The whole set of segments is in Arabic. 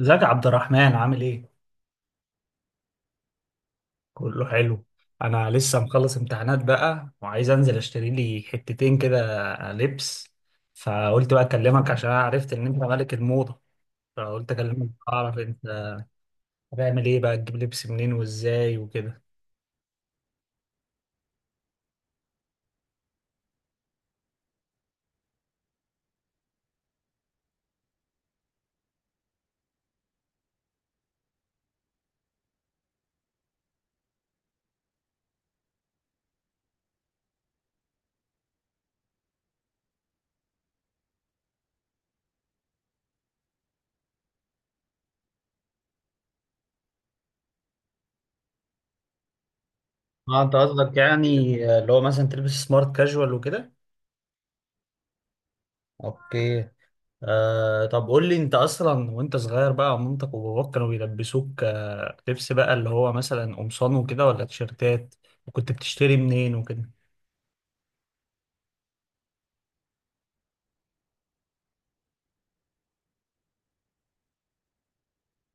ازيك يا عبد الرحمن عامل ايه؟ كله حلو. انا لسه مخلص امتحانات بقى وعايز انزل اشتري لي حتتين كده، لبس. فقلت بقى اكلمك عشان أنا عرفت ان انت ملك الموضة، فقلت اكلمك اعرف انت هتعمل ايه بقى، تجيب لبس منين وازاي وكده. اه، انت قصدك يعني اللي هو مثلا تلبس سمارت كاجوال وكده؟ اوكي. آه، طب قول لي انت اصلا وانت صغير بقى مامتك وباباك كانوا بيلبسوك لبس بقى اللي هو مثلا قمصان وكده ولا تيشيرتات، وكنت بتشتري منين وكده.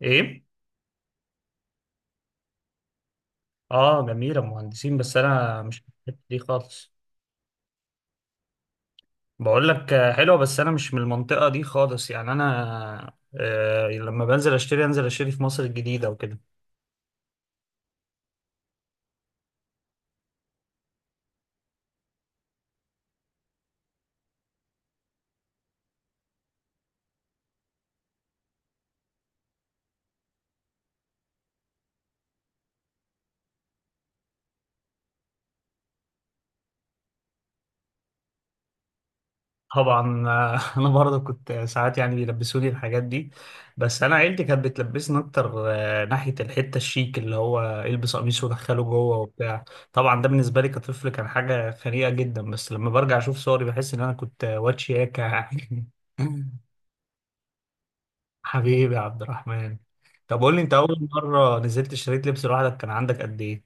ايه. اه، جميلة مهندسين بس انا مش من الحتة دي خالص. بقول لك، حلوة بس انا مش من المنطقة دي خالص يعني انا لما بنزل اشتري، انزل اشتري في مصر الجديدة وكده. طبعا انا برضه كنت ساعات يعني بيلبسوني الحاجات دي، بس انا عيلتي كانت بتلبسني اكتر ناحيه الحته الشيك اللي هو البس قميص ودخله جوه وبتاع. طبعا ده بالنسبه لي كطفل كان حاجه خنيقه جدا، بس لما برجع اشوف صوري بحس ان انا كنت واد شياكه يعني. حبيبي يا عبد الرحمن. طب قول لي انت، اول مره نزلت اشتريت لبس لوحدك كان عندك قد ايه؟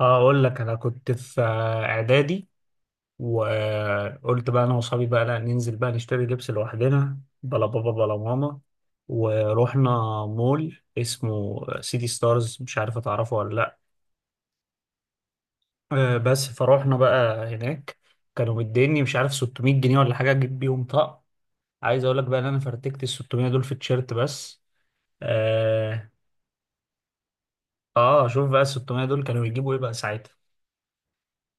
اقول لك، انا كنت في اعدادي، وقلت بقى انا واصحابي بقى لا ننزل بقى نشتري لبس لوحدنا، بلا بابا بلا ماما، ورحنا مول اسمه سيتي ستارز، مش عارف اتعرفه ولا لا. بس فروحنا بقى هناك، كانوا مديني مش عارف 600 جنيه ولا حاجه اجيب بيهم طقم. عايز اقول لك بقى ان انا فرتكت ال 600 دول في التيشيرت بس. اه, شوف بقى ال 600 دول كانوا يجيبوا ايه بقى ساعتها.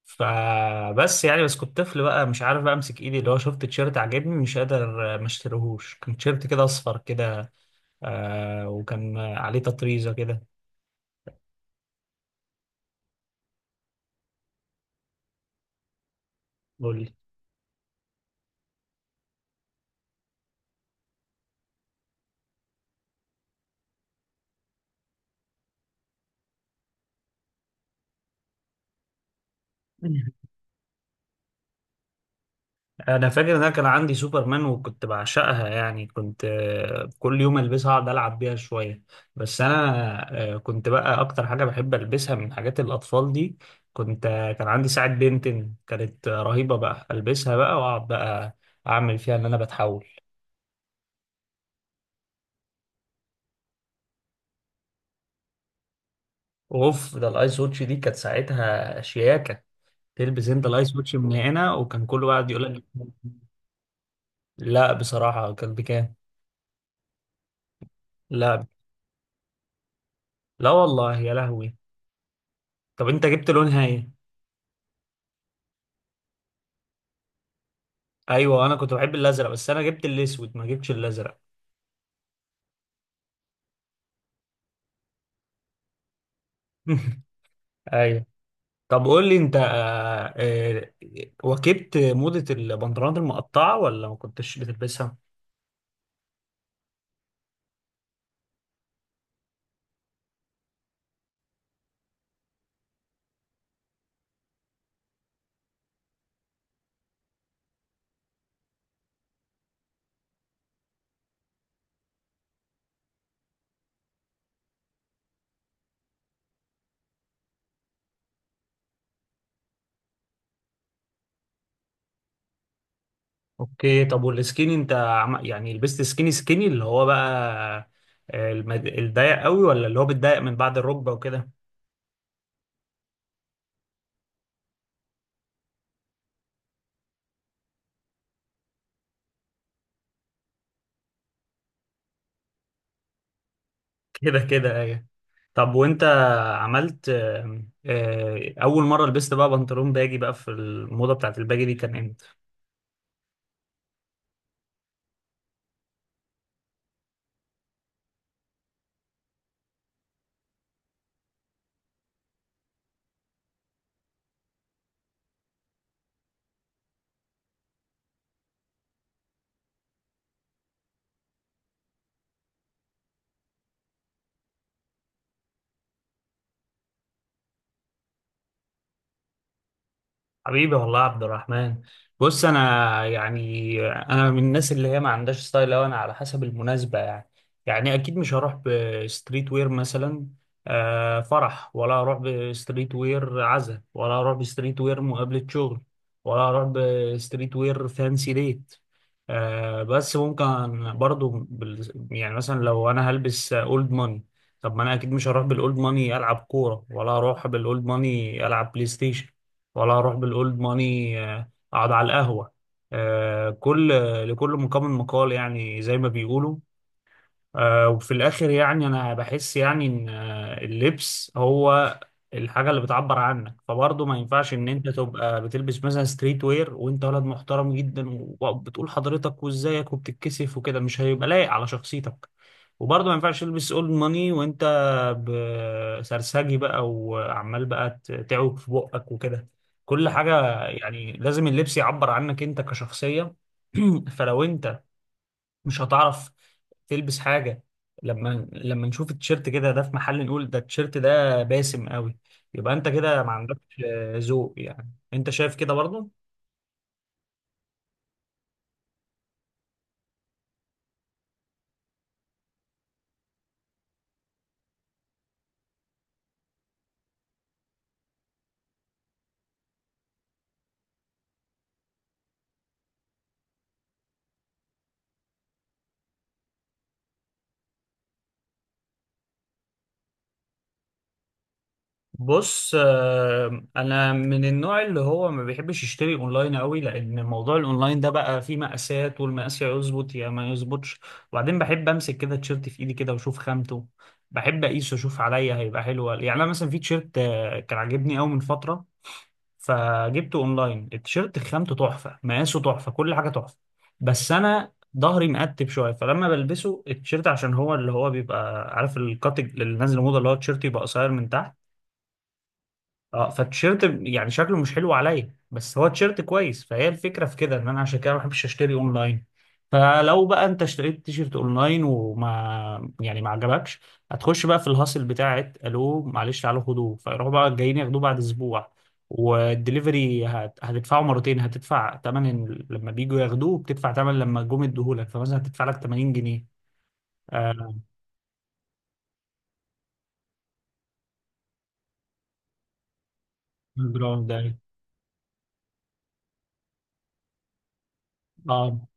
فبس يعني بس كنت طفل بقى مش عارف بقى امسك ايدي اللي هو شفت تيشيرت عجبني مش قادر ما اشتريهوش، كان تيشيرت كده اصفر كده. آه وكان آه، عليه تطريزه كده. قول لي. انا فاكر ان انا كان عندي سوبرمان وكنت بعشقها، يعني كنت كل يوم البسها اقعد العب بيها شويه. بس انا كنت بقى اكتر حاجه بحب البسها من حاجات الاطفال دي. كنت آه، كان عندي ساعه بنتن كانت رهيبه بقى، البسها بقى واقعد بقى اعمل فيها ان انا بتحول. اوف، ده الايس واتش دي كانت ساعتها شياكه. تلبس انت الايس واتش من هنا وكان كله قاعد يقول لك. لا، بصراحه كان بكام. لا. لا والله يا لهوي. طب انت جبت لونها ايه؟ ايوه، انا كنت بحب الازرق بس انا جبت الاسود، ما جبتش الازرق. ايوه. طب قول لي انت، واكبت موضه البنطلونات المقطعه ولا ما كنتش بتلبسها؟ اوكي، طب والسكيني، انت يعني لبست سكيني اللي هو بقى الضيق قوي، ولا اللي هو بيتضايق من بعد الركبه وكده؟ كده كده ايوه. طب وانت عملت اول مره لبست بقى بنطلون باجي بقى، في الموضه بتاعت الباجي دي كان امتى؟ حبيبي والله يا عبد الرحمن. بص، انا يعني انا من الناس اللي هي ما عندهاش ستايل أوي، انا على حسب المناسبه يعني. يعني اكيد مش هروح بستريت وير مثلا فرح، ولا هروح بستريت وير عزا، ولا هروح بستريت وير مقابله شغل، ولا هروح بستريت وير فانسي ديت. بس ممكن برضو يعني مثلا لو انا هلبس اولد ماني، طب ما انا اكيد مش هروح بالاولد ماني العب كوره، ولا هروح بالاولد ماني العب بلاي ستيشن، ولا هروح بالاولد ماني اقعد على القهوه. آه، كل لكل مقام مقال، يعني زي ما بيقولوا. وفي الآخر يعني أنا بحس يعني إن اللبس هو الحاجة اللي بتعبر عنك. فبرضه ما ينفعش إن أنت تبقى بتلبس مثلا ستريت وير وأنت ولد محترم جدا، وبتقول حضرتك وإزيك وبتتكسف وكده، مش هيبقى لايق على شخصيتك. وبرضه ما ينفعش تلبس أولد ماني وأنت سرسجي بقى، وعمال بقى تعوج في بقك وكده. كل حاجة يعني لازم اللبس يعبر عنك أنت كشخصية. فلو أنت مش هتعرف تلبس حاجة، لما نشوف التيشيرت كده ده في محل نقول ده التيشيرت ده باسم قوي، يبقى انت كده ما عندكش ذوق، يعني انت شايف كده برضه؟ بص، انا من النوع اللي هو ما بيحبش يشتري اونلاين قوي، لان موضوع الاونلاين ده بقى فيه مقاسات، والمقاس يا يظبط يا ما يظبطش. وبعدين بحب امسك كده التيشيرت في ايدي كده واشوف خامته. بحب اقيسه اشوف عليا هيبقى حلو يعني انا مثلا في تيشيرت كان عاجبني قوي من فترة، فجبته اونلاين، التيشيرت خامته تحفه، مقاسه تحفه، كل حاجه تحفه. بس انا ظهري مقتب شويه، فلما بلبسه التيشيرت عشان هو اللي هو بيبقى عارف الكات اللي نازل موضه اللي هو التيشيرت يبقى قصير من تحت. اه. فالتيشيرت يعني شكله مش حلو عليا، بس هو تيشيرت كويس، فهي الفكره في كده ان انا عشان كده ما بحبش اشتري اونلاين. فلو بقى انت اشتريت تيشيرت اونلاين وما يعني ما عجبكش، هتخش بقى في الهاصل بتاعت الو معلش تعالوا خدوه، فيروحوا بقى جايين ياخدوه بعد اسبوع. والدليفري هتدفعه مرتين، هتدفع تمن لما بيجوا ياخدوه بتدفع تمن لما جم يديهولك، فمثلا هتدفع لك 80 جنيه. آه. جرام ده، اه.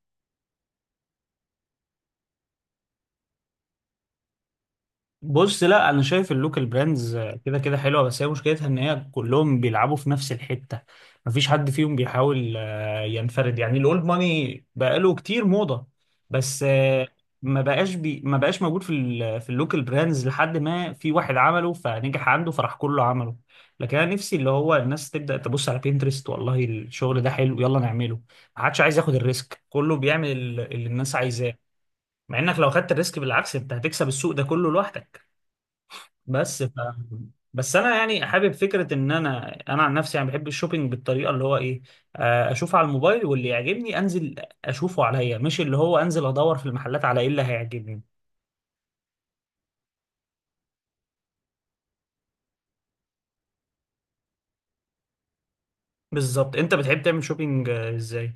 بص، لا انا شايف اللوكال براندز كده كده حلوه، بس هي مشكلتها ان هي كلهم بيلعبوا في نفس الحته، مفيش حد فيهم بيحاول ينفرد، يعني الاولد ماني بقاله كتير موضه بس ما بقاش موجود في في اللوكال براندز، لحد ما في واحد عمله فنجح عنده فراح كله عمله. لكن انا نفسي اللي هو الناس تبدا تبص على بينترست، والله الشغل ده حلو يلا نعمله، ما حدش عايز ياخد الريسك، كله بيعمل اللي الناس عايزاه. مع انك لو خدت الريسك بالعكس انت هتكسب السوق ده كله لوحدك. بس ف... بس انا يعني حابب فكره ان انا عن نفسي يعني بحب الشوبينج بالطريقه اللي هو ايه. اشوف على الموبايل واللي يعجبني انزل اشوفه عليا، مش اللي هو انزل ادور في المحلات على ايه اللي هيعجبني. بالظبط، انت بتحب تعمل شوبينج ازاي؟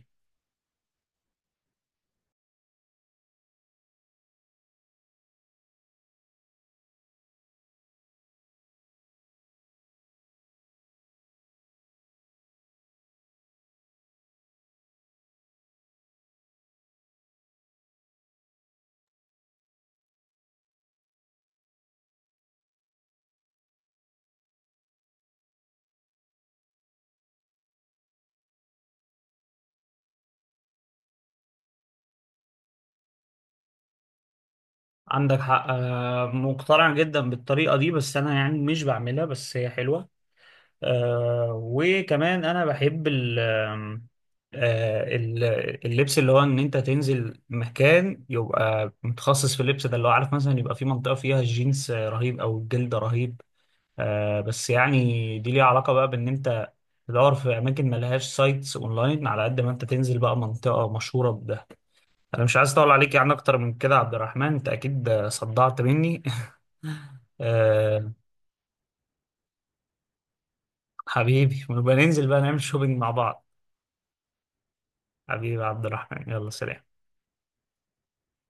عندك حق، مقتنع جدا بالطريقه دي، بس انا يعني مش بعملها، بس هي حلوه. وكمان انا بحب آه ال- اللبس اللي هو ان انت تنزل مكان يبقى متخصص في اللبس ده، اللي هو عارف مثلا يبقى في منطقة فيها الجينز رهيب او الجلد رهيب. آه، بس يعني دي ليها علاقة بقى بان انت تدور في اماكن ملهاش سايتس اونلاين، على قد ما انت تنزل بقى منطقة مشهورة بده. انا مش عايز اطول عليك يعني اكتر من كده يا عبد الرحمن، انت اكيد صدعت مني. آه حبيبي، ونبقى ننزل بقى نعمل شوبينج مع بعض. حبيبي عبد الرحمن، يلا سلام.